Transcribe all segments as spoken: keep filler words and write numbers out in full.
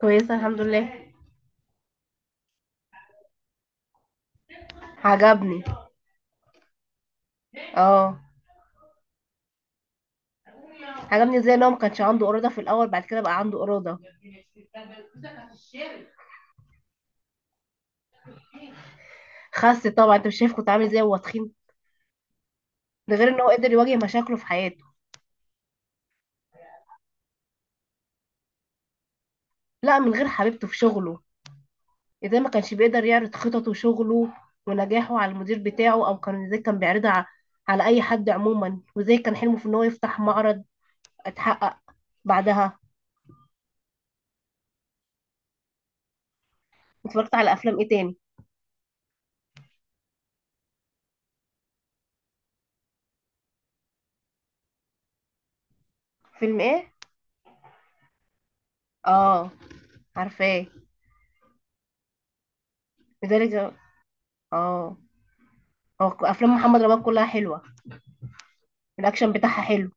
كويسة الحمد لله. عجبني. اه، عجبني ازاي ان هو ما كانش عنده إرادة في الأول، بعد كده بقى عنده إرادة. خس طبعا، انت مش شايف كنت عامل ازاي وهو تخين؟ ده غير ان هو قدر يواجه مشاكله في حياته. لا من غير حبيبته، في شغله. ازاي ما كانش بيقدر يعرض خططه وشغله ونجاحه على المدير بتاعه، او كان ازاي كان بيعرضها ع- على اي حد عموما، وازاي كان حلمه في ان هو يفتح معرض اتحقق بعدها. اتفرجت على افلام ايه تاني؟ فيلم ايه؟ اه، عارفاه. لذلك. اه، هو افلام محمد رمضان كلها حلوة. الاكشن بتاعها حلو.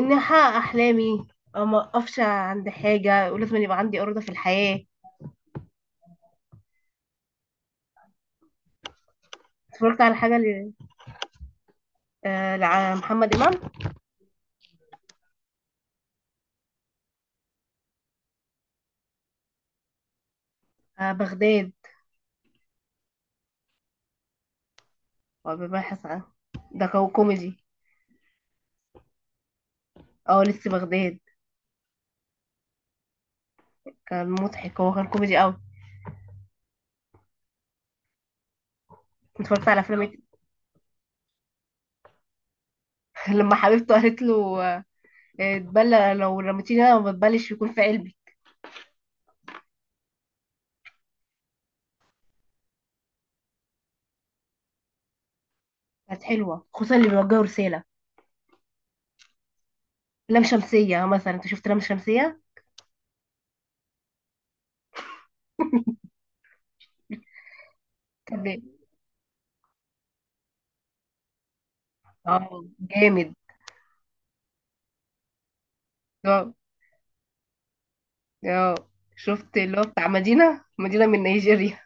اني احقق احلامي، أو ما اقفش عند حاجه، ولازم يبقى عندي ارادة في الحياه. اتفرجت على حاجه ل- آه، لمحمد امام. آه، بغداد. وبيبحث عن ده كان كوميدي. اه، لسه بغداد. كان مضحك، هو كان كوميدي قوي. اتفرجت على افلام إيه؟ لما حبيبته قالت له آه، اتبلى لو رميتيني انا ما بتبلش يكون في قلبي. كانت حلوه، خصوصا اللي بيوجهوا رساله. لام شمسيه مثلا، انت شفت لام شمسيه؟ كان بي- اه جامد. اه، شفت اللي هو بتاع مدينة مدينة من نيجيريا.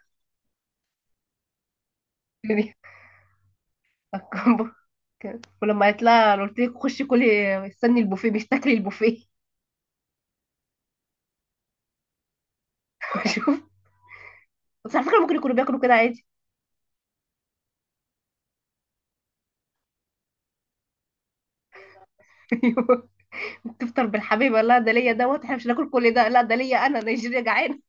الكومبو. كان- ولما قالت لها أنا قلت لك خشي كلي، استني البوفيه مش تاكلي البوفيه. شوف، بس على فكرة ممكن يكونوا بياكلوا كده عادي. أيوة. تفطر بالحبيبة، لا ده ليا دوت احنا مش هناكل كل ده، لا ده ليا انا نيجيريا جعانة.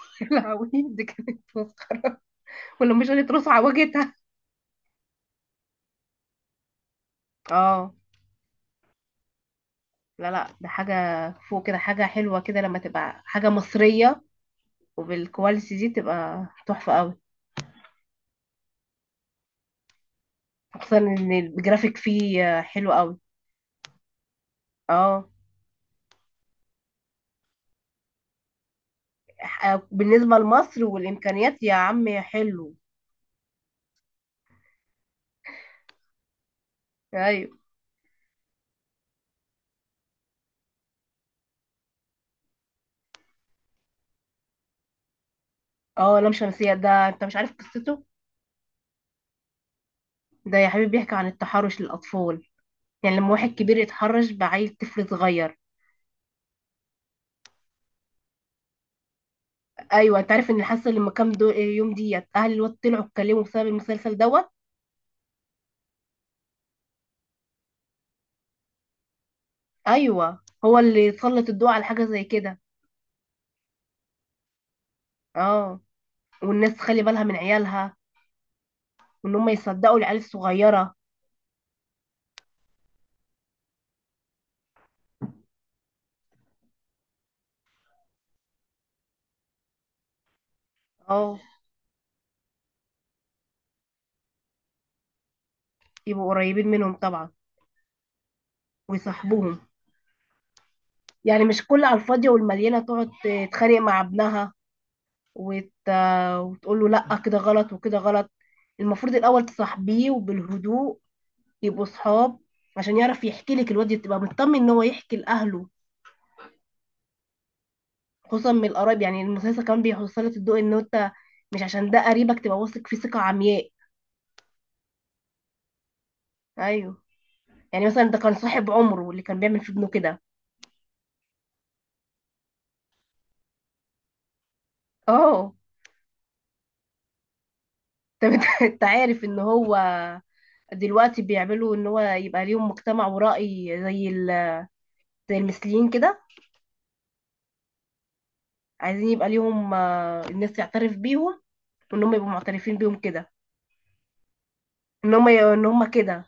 يا لهوي دي كانت مسخرة، ولا مش قالت رصع وجهتها. اه. لا لا، ده حاجة فوق كده، حاجة حلوة كده، لما تبقى حاجة مصرية وبالكواليتي دي تبقى تحفة قوي. خصوصا ان الجرافيك فيه حلو قوي. اه. ح- بالنسبة لمصر والإمكانيات يا عم حلو. أيوة. اه، لام شمسية ده أنت مش عارف قصته. ده يا حبيبي بيحكي عن التحرش للأطفال، يعني لما واحد كبير يتحرش بعيل طفل صغير. أيوة، أنت عارف إن اللي حصل لما كام دو... يوم ديت أهل الواد طلعوا اتكلموا بسبب المسلسل دوت. أيوة، هو اللي سلط الضوء على حاجة زي كده. اه. والناس تخلي بالها من عيالها، وإن هم يصدقوا العيال الصغيرة. اه، يبقوا قريبين منهم طبعا، ويصاحبوهم. يعني مش كل على الفاضية والمليانة تقعد تتخانق مع ابنها وت... وتقول له لا كده غلط وكده غلط. المفروض الأول تصاحبيه وبالهدوء، يبقوا صحاب، عشان يعرف يحكي لك. الواد تبقى مطمن ان هو يحكي لأهله، خصوصا من القرايب. يعني المسلسل كمان بيوصلك الضوء ان انت مش عشان ده قريبك تبقى واثق فيه ثقة عمياء. ايوه. يعني مثلا ده كان صاحب عمره اللي كان بيعمل في ابنه كده. اه. طب انت انت عارف ان هو دلوقتي بيعملوا ان هو يبقى ليهم مجتمع ورأي، زي ال زي المثليين كده. عايزين يبقى ليهم آه، الناس تعترف بيهم، وان هم يبقوا معترفين بيهم كده. ان هم ان هم كده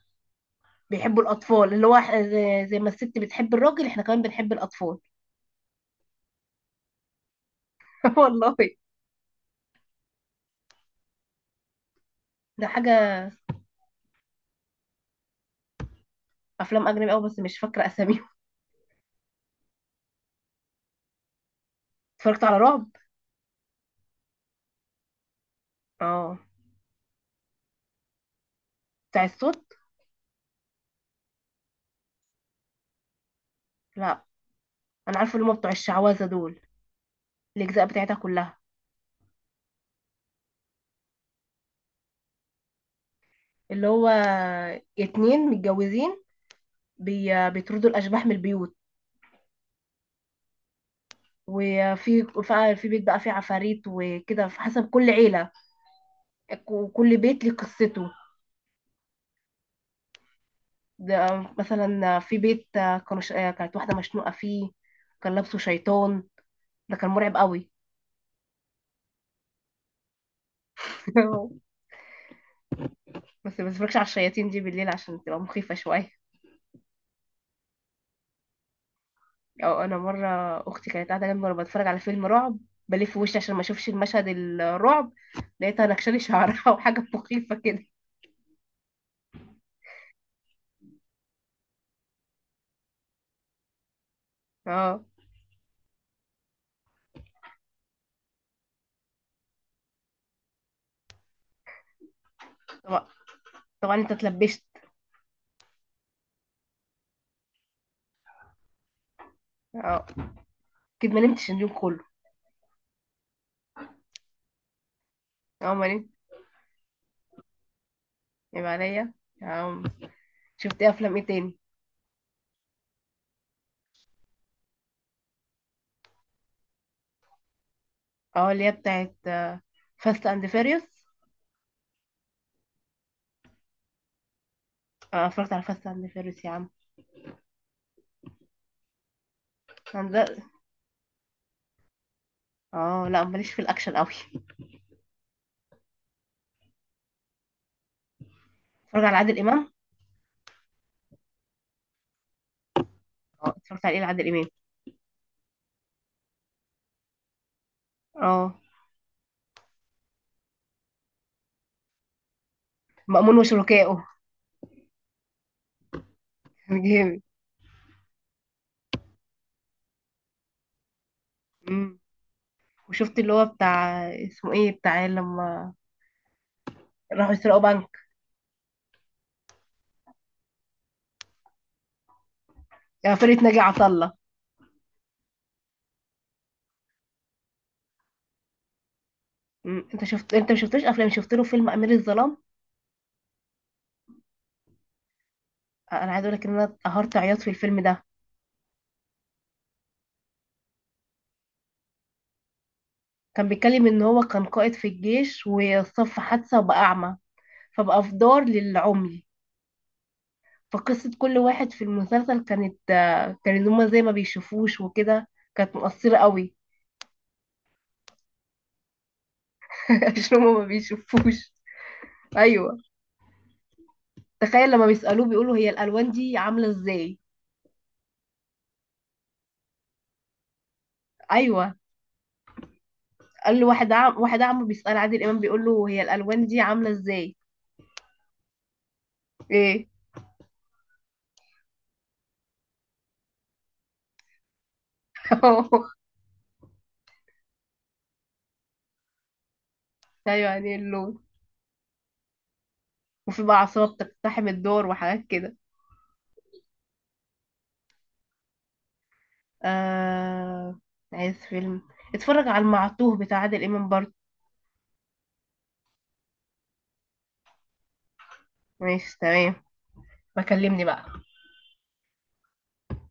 بيحبوا الاطفال، اللي هو إح- زي زي ما الست بتحب الراجل احنا كمان بنحب الاطفال. والله. ده حاجه. افلام اجنبي قوي بس مش فاكره اساميهم. اتفرجت على رعب. اه، بتاع الصوت. لا. انا عارفه اللي هم بتوع الشعوذه دول، الاجزاء بتاعتها كلها. اللي هو اتنين متجوزين بي... بيطردوا الاشباح من البيوت. وفي في بيت بقى فيه عفاريت وكده، في حسب كل عيله وكل بيت ليه قصته. ده مثلا في بيت كانوا ش... آه، كانت واحدة مشنوقة فيه، كان لابسه شيطان. ده كان مرعب قوي. بس ما بتفرجش على الشياطين دي بالليل عشان تبقى مخيفة شوية. او انا مرة اختي كانت قاعدة جنبي وانا بتفرج على فيلم رعب، بلف وشي عشان ما اشوفش المشهد الرعب، لقيتها نكشلي شعرها وحاجة مخيفة كده. اه. طبعا طبعا. انت اتلبشت. اه، اكيد ما نمتش اليوم كله. اه، ما نمت. يبقى عليا. آه. شفت افلام ايه تاني؟ اه، اللي هي بتاعت فاست اند فيريوس. اه، اتفرجت على فاست اند فيريوس يا عم. أنا ده. اه، لا ماليش في الاكشن قوي. اتفرج على عادل امام. اه، اتفرجت على ايه لعادل امام؟ اه، مأمون وشركائه. جامد. أمم. وشفت اللي هو بتاع اسمه ايه بتاع لما راحوا يسرقوا بنك، آه، فرقة ناجي عطا الله. أمم. انت شفت، انت ما شفتوش افلام؟ شفت له فيلم امير الظلام. آه، انا عايز اقول لك ان انا قهرت عياط في الفيلم ده. كان بيتكلم ان هو كان قائد في الجيش وصف حادثة وبقى اعمى، فبقى في دار للعمي. فقصة كل واحد في المسلسل كانت آه، كانت هما زي ما بيشوفوش وكده. كانت مؤثرة قوي. عشان هما ما بيشوفوش. أيوة. تخيل لما بيسألوه بيقولوا هي الألوان دي عاملة ازاي. أيوة قال له واحد عم، واحد عمه بيسأل عادل إمام بيقول له هي الألوان دي عاملة ازاي. ايه؟ أيوة يعني اللون. وفي بقى عصابة بتقتحم الدور وحاجات كده. آه... عايز فيلم، اتفرج على المعطوه بتاع عادل إمام برضه. ماشي تمام. بكلمني بقى.